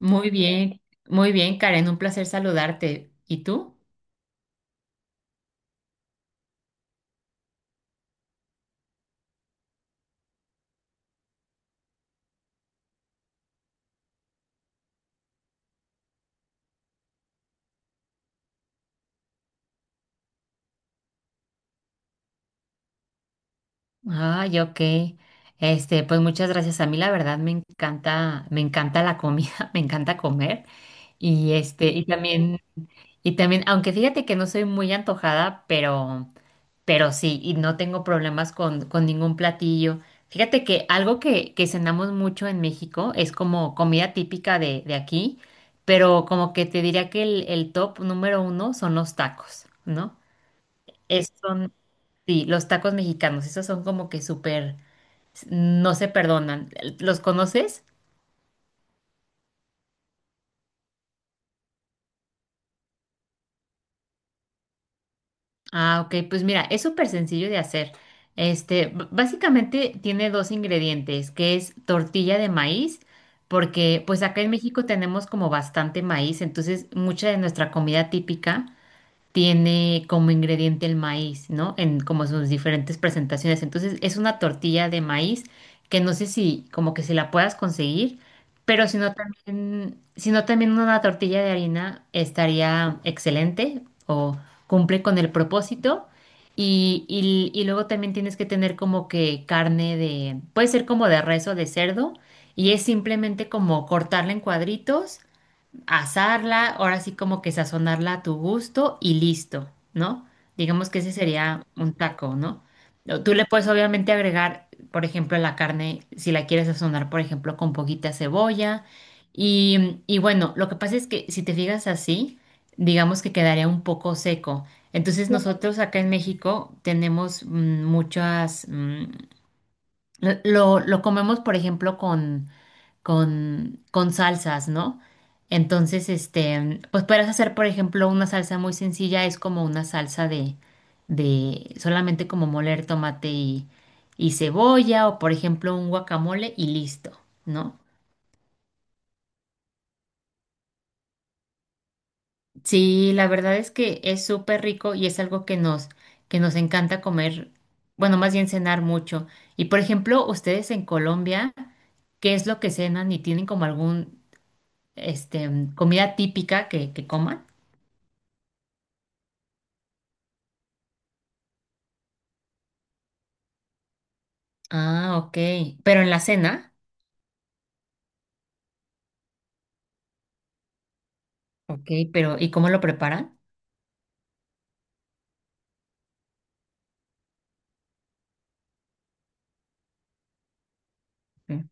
Muy bien, muy bien, Karen, un placer saludarte. ¿Y tú? Ay, ok. Pues muchas gracias. A mí la verdad me encanta la comida, me encanta comer. Y este, y también, y también, aunque fíjate que no soy muy antojada, pero sí, y no tengo problemas con ningún platillo. Fíjate que que cenamos mucho en México es como comida típica de aquí, pero como que te diría que el top número uno son los tacos, ¿no? Son, sí, los tacos mexicanos, esos son como que súper, no se perdonan. ¿Los conoces? Ah, ok, pues mira, es súper sencillo de hacer. Básicamente tiene dos ingredientes, que es tortilla de maíz, porque pues acá en México tenemos como bastante maíz, entonces mucha de nuestra comida típica tiene como ingrediente el maíz, ¿no? En como sus diferentes presentaciones. Entonces es una tortilla de maíz que no sé si como que si la puedas conseguir, pero si no también, una tortilla de harina estaría excelente o cumple con el propósito. Y luego también tienes que tener como que carne de, puede ser como de res o de cerdo, y es simplemente como cortarla en cuadritos, asarla, ahora sí como que sazonarla a tu gusto y listo, ¿no? Digamos que ese sería un taco, ¿no? O tú le puedes obviamente agregar, por ejemplo, la carne, si la quieres sazonar, por ejemplo, con poquita cebolla. Y bueno, lo que pasa es que si te fijas así, digamos que quedaría un poco seco. Entonces nosotros acá en México tenemos, mm, muchas, mm, lo, lo comemos, por ejemplo, con salsas, ¿no? Entonces, este, pues puedes hacer, por ejemplo, una salsa muy sencilla, es como una salsa de solamente como moler tomate y cebolla, o por ejemplo, un guacamole y listo, ¿no? Sí, la verdad es que es súper rico y es algo que nos encanta comer, bueno, más bien cenar mucho. Y por ejemplo, ustedes en Colombia, ¿qué es lo que cenan y tienen como algún, este, comida típica que coman? Ah, ok. Pero en la cena, ok, pero ¿y cómo lo preparan? Mm.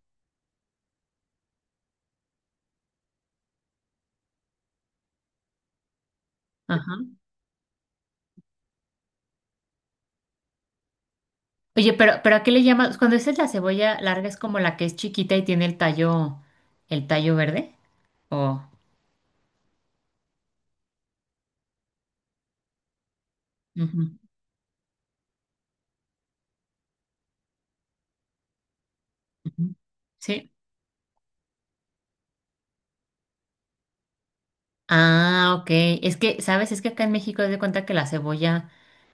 Ajá. Oye, pero ¿a qué le llamas? Cuando dices la cebolla larga es como la que es chiquita y tiene el tallo verde. O Ujú, ujú. Sí. Ah, ok. Es que, ¿sabes? Es que acá en México te de cuenta que la cebolla,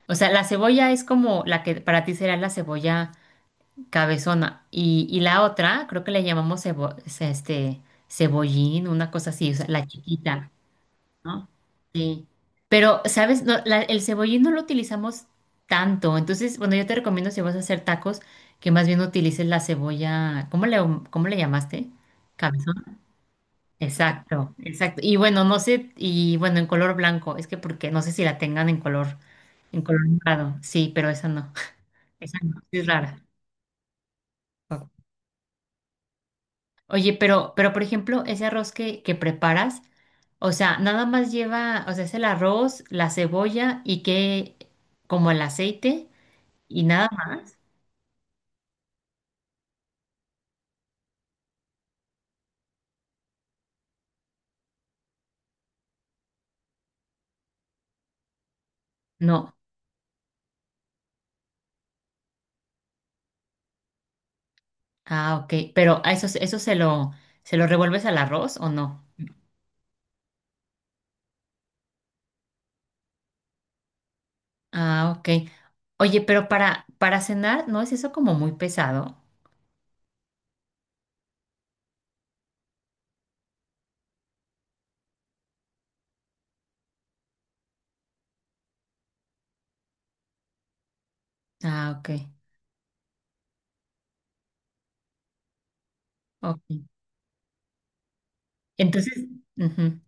o sea, la cebolla es como la que para ti será la cebolla cabezona. Y la otra, creo que le llamamos cebollín, una cosa así, o sea, la chiquita. ¿No? Sí. Pero, ¿sabes? No, el cebollín no lo utilizamos tanto. Entonces, bueno, yo te recomiendo si vas a hacer tacos, que más bien utilices la cebolla. ¿Cómo le llamaste? Cabezón. Exacto, exacto. Y bueno, no sé, y bueno, en color blanco. Es que porque no sé si la tengan en color morado. Sí, pero esa no. Esa no, sí es rara. Oye, pero por ejemplo, ese arroz que preparas, o sea, nada más lleva, o sea, es el arroz, la cebolla y que, como el aceite y nada más. No. Ah, ok. Pero a eso, se lo revuelves al arroz o no? Ah, ok. Oye, para cenar, ¿no es eso como muy pesado? Ah, ok. Ok. Entonces, ujú.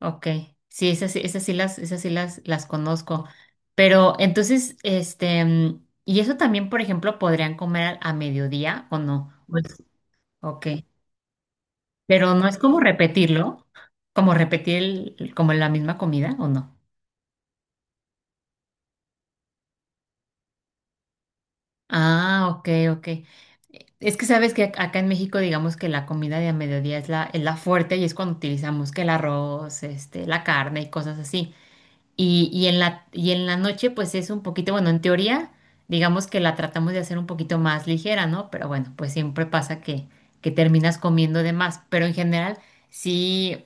Ok, sí, esas sí las conozco. Pero entonces, y eso también, por ejemplo, podrían comer a mediodía o no. Pues, ok, pero no es como repetirlo, como repetir como la misma comida o no. Ah, ok, ok. Es que sabes que acá en México, digamos que la comida de a mediodía es es la fuerte y es cuando utilizamos que el arroz, la carne y cosas así. Y en la noche, pues es un poquito, bueno, en teoría, digamos que la tratamos de hacer un poquito más ligera, ¿no? Pero bueno, pues siempre pasa que terminas comiendo de más. Pero en general, sí,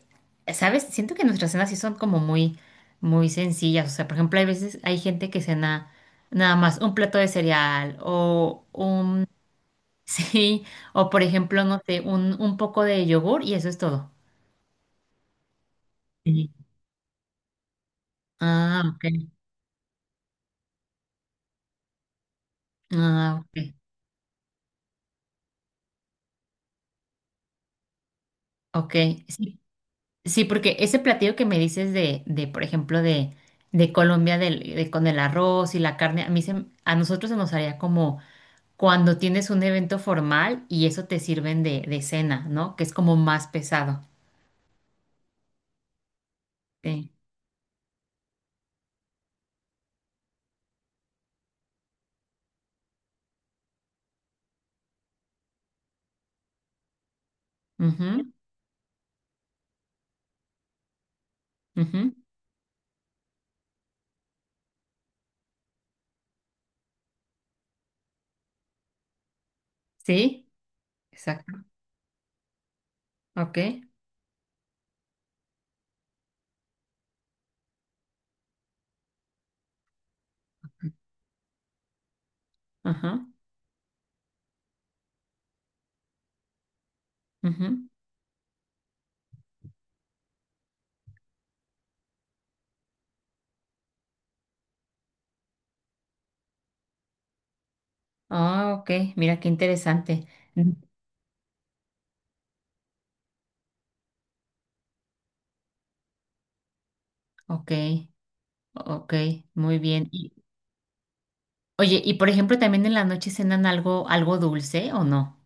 ¿sabes? Siento que nuestras cenas sí son como muy, muy sencillas. O sea, por ejemplo, hay veces, hay gente que cena nada más un plato de cereal o un, sí, o por ejemplo, no sé, un poco de yogur y eso es todo. Sí. Ah, ok. Ah, ok. Ok. Sí, sí, porque ese platillo que me dices de por ejemplo, de Colombia con el arroz y la carne, a mí a nosotros se nos haría como cuando tienes un evento formal y eso te sirven de cena, ¿no? Que es como más pesado. Sí. Ujú, ujú. Sí, exacto. Ok. Ajá. Ujú. Ah, ok. Mira qué interesante. Mm. Ok, ok, muy bien. Oye, y por ejemplo, también en la noche cenan algo dulce, ¿o no?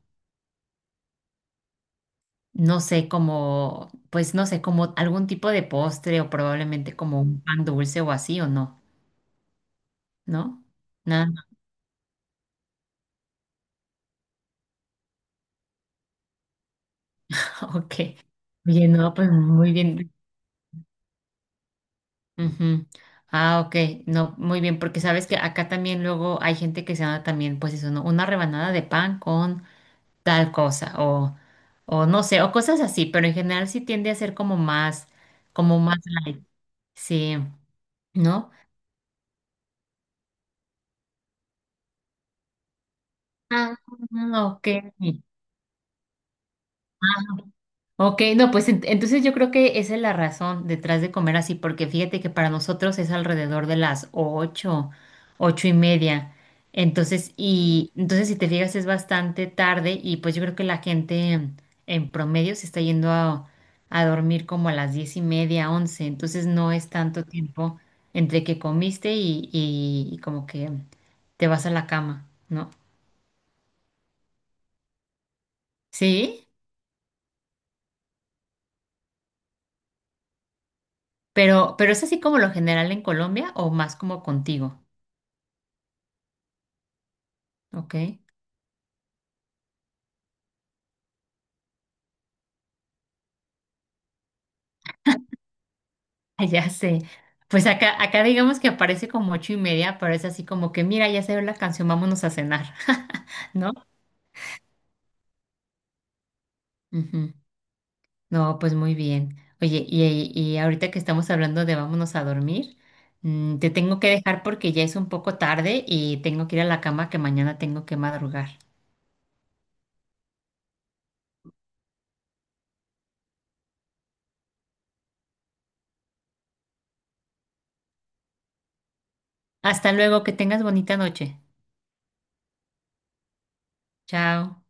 No sé, como, pues no sé, como algún tipo de postre o probablemente como un pan dulce o así o no, ¿no? Nada, ok. Oye, no, pues muy bien. Ujú. Ah, ok, no, muy bien, porque sabes que acá también luego hay gente que se da también, pues eso, ¿no? Una rebanada de pan con tal cosa o no sé, o cosas así, pero en general sí tiende a ser como más light, sí, ¿no? Ah, ok. Ok, no, pues entonces yo creo que esa es la razón detrás de comer así, porque fíjate que para nosotros es alrededor de las 8:00, 8:30. Entonces, y entonces si te fijas es bastante tarde y pues yo creo que la gente en promedio se está yendo a dormir como a las 10:30, 11:00. Entonces no es tanto tiempo entre que comiste y como que te vas a la cama, ¿no? Sí, pero es así como lo general en Colombia o más como contigo. Ok, ya sé. Pues acá, acá digamos que aparece como 8:30, pero es así como que, mira, ya se ve la canción, vámonos a cenar, ¿no? Ujú. No, pues muy bien. Oye, y ahorita que estamos hablando de vámonos a dormir, te tengo que dejar porque ya es un poco tarde y tengo que ir a la cama que mañana tengo que madrugar. Hasta luego, que tengas bonita noche. Chao.